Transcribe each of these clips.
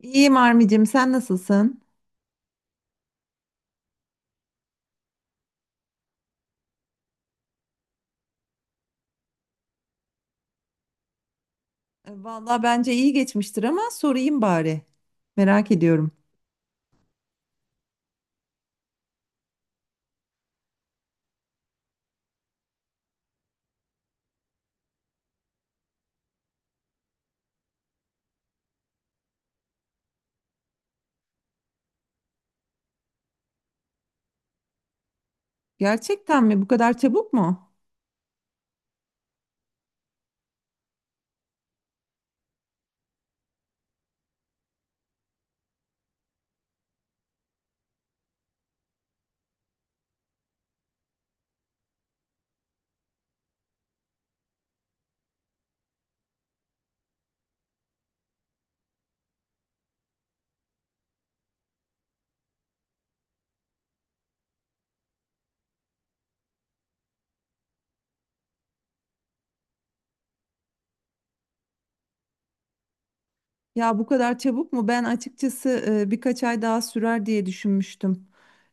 İyiyim Armi'cim, sen nasılsın? Vallahi bence iyi geçmiştir ama sorayım bari. Merak ediyorum. Gerçekten mi? Bu kadar çabuk mu? Ya bu kadar çabuk mu? Ben açıkçası birkaç ay daha sürer diye düşünmüştüm.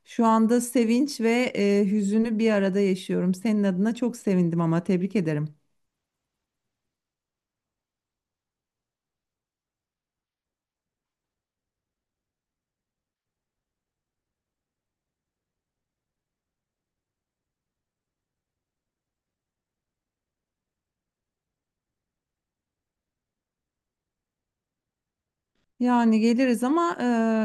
Şu anda sevinç ve hüzünü bir arada yaşıyorum. Senin adına çok sevindim ama tebrik ederim. Yani geliriz ama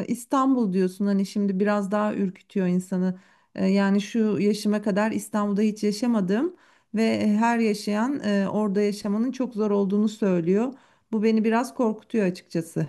İstanbul diyorsun hani şimdi biraz daha ürkütüyor insanı. Yani şu yaşıma kadar İstanbul'da hiç yaşamadım ve her yaşayan orada yaşamanın çok zor olduğunu söylüyor. Bu beni biraz korkutuyor açıkçası.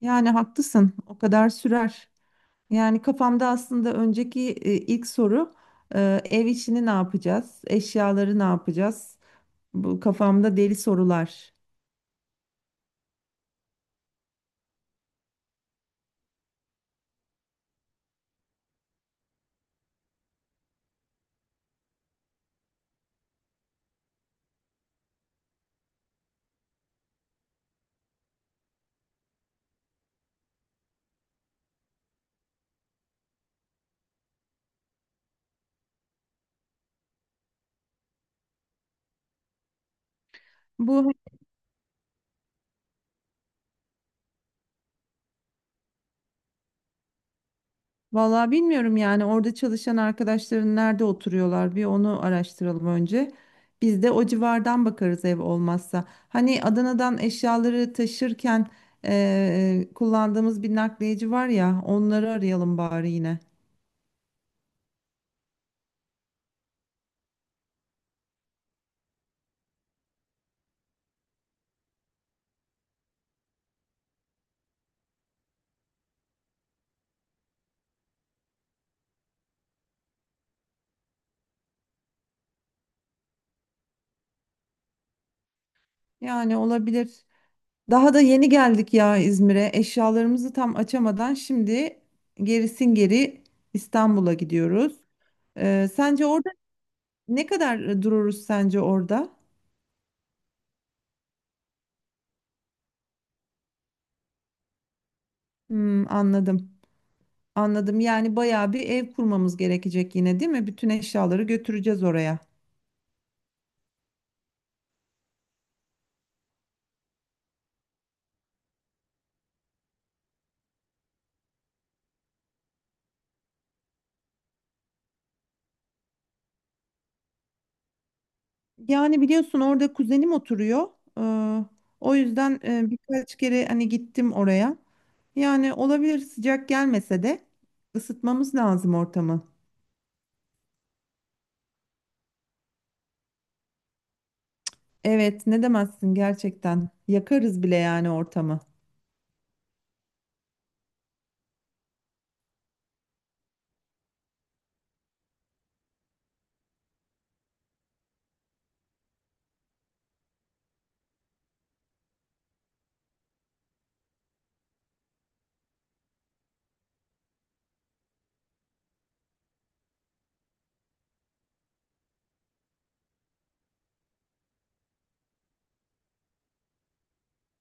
Yani haklısın, o kadar sürer. Yani kafamda aslında önceki ilk soru ev işini ne yapacağız, eşyaları ne yapacağız? Bu kafamda deli sorular. Bu Vallahi bilmiyorum yani orada çalışan arkadaşların nerede oturuyorlar bir onu araştıralım önce. Biz de o civardan bakarız ev olmazsa. Hani Adana'dan eşyaları taşırken kullandığımız bir nakliyeci var ya onları arayalım bari yine. Yani olabilir. Daha da yeni geldik ya İzmir'e. Eşyalarımızı tam açamadan şimdi gerisin geri İstanbul'a gidiyoruz. Sence orada ne kadar dururuz sence orada? Hmm, anladım. Anladım. Yani bayağı bir ev kurmamız gerekecek yine, değil mi? Bütün eşyaları götüreceğiz oraya. Yani biliyorsun orada kuzenim oturuyor. Ee, O yüzden birkaç kere hani gittim oraya. Yani olabilir sıcak gelmese de ısıtmamız lazım ortamı. Evet, ne demezsin gerçekten. Yakarız bile yani ortamı.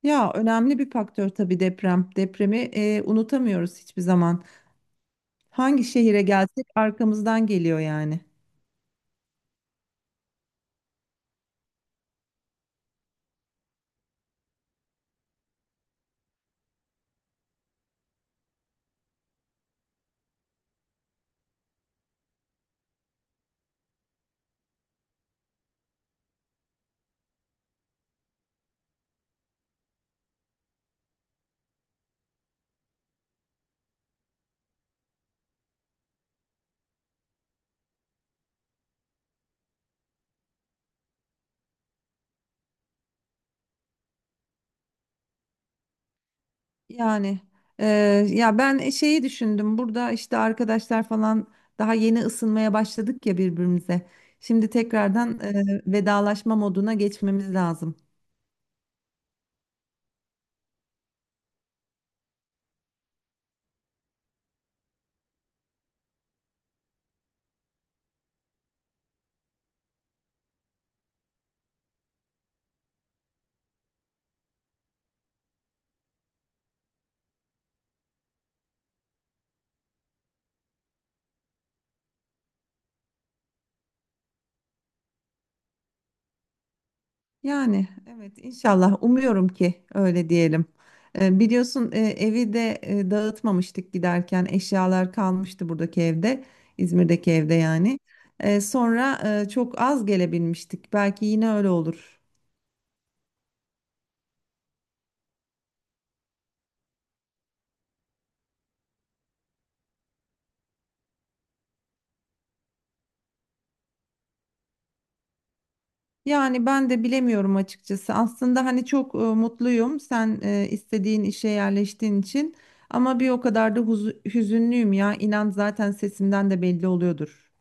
Ya önemli bir faktör tabii deprem. Depremi unutamıyoruz hiçbir zaman. Hangi şehire gelsek arkamızdan geliyor yani. Yani eee, ya ben şeyi düşündüm burada işte arkadaşlar falan daha yeni ısınmaya başladık ya birbirimize. Şimdi tekrardan vedalaşma moduna geçmemiz lazım. Yani evet inşallah umuyorum ki öyle diyelim. Biliyorsun evi de dağıtmamıştık giderken eşyalar kalmıştı buradaki evde İzmir'deki evde yani. Sonra çok az gelebilmiştik belki yine öyle olur. Yani ben de bilemiyorum açıkçası. Aslında hani çok mutluyum sen istediğin işe yerleştiğin için ama bir o kadar da hüzünlüyüm ya. İnan zaten sesimden de belli oluyordur.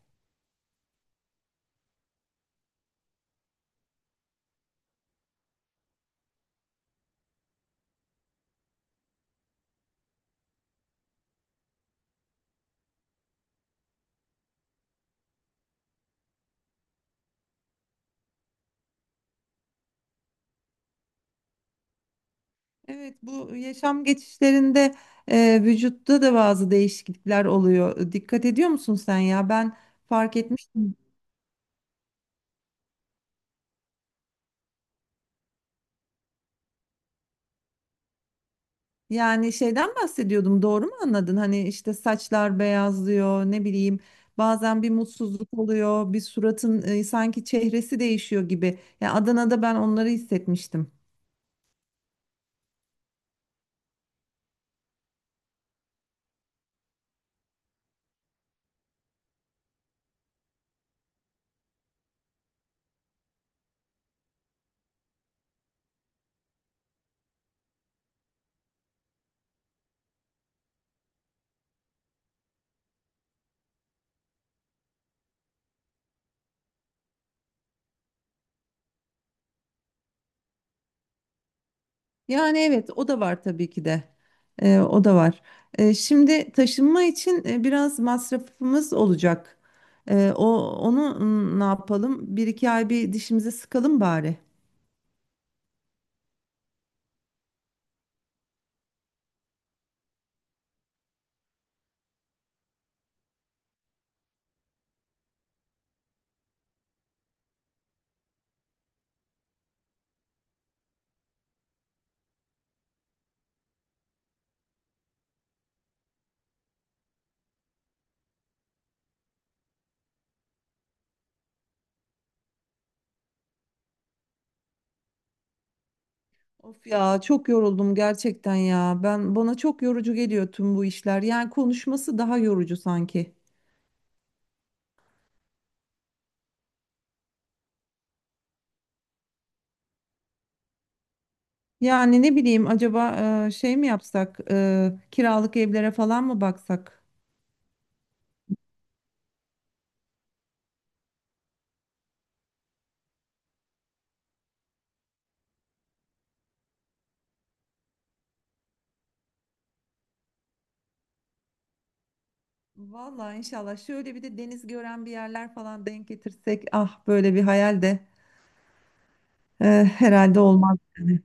Evet bu yaşam geçişlerinde vücutta da bazı değişiklikler oluyor. Dikkat ediyor musun sen ya? Ben fark etmiştim. Yani şeyden bahsediyordum doğru mu anladın? Hani işte saçlar beyazlıyor ne bileyim bazen bir mutsuzluk oluyor bir suratın sanki çehresi değişiyor gibi. Yani Adana'da ben onları hissetmiştim. Yani evet o da var tabii ki de E, o da var. E, şimdi taşınma için biraz masrafımız olacak. O onu ne yapalım bir iki ay bir dişimize sıkalım bari. Of ya çok yoruldum gerçekten ya. Ben bana çok yorucu geliyor tüm bu işler. Yani konuşması daha yorucu sanki. Yani ne bileyim acaba şey mi yapsak? Kiralık evlere falan mı baksak? Vallahi inşallah şöyle bir de deniz gören bir yerler falan denk getirsek ah böyle bir hayal de herhalde olmaz. Yani.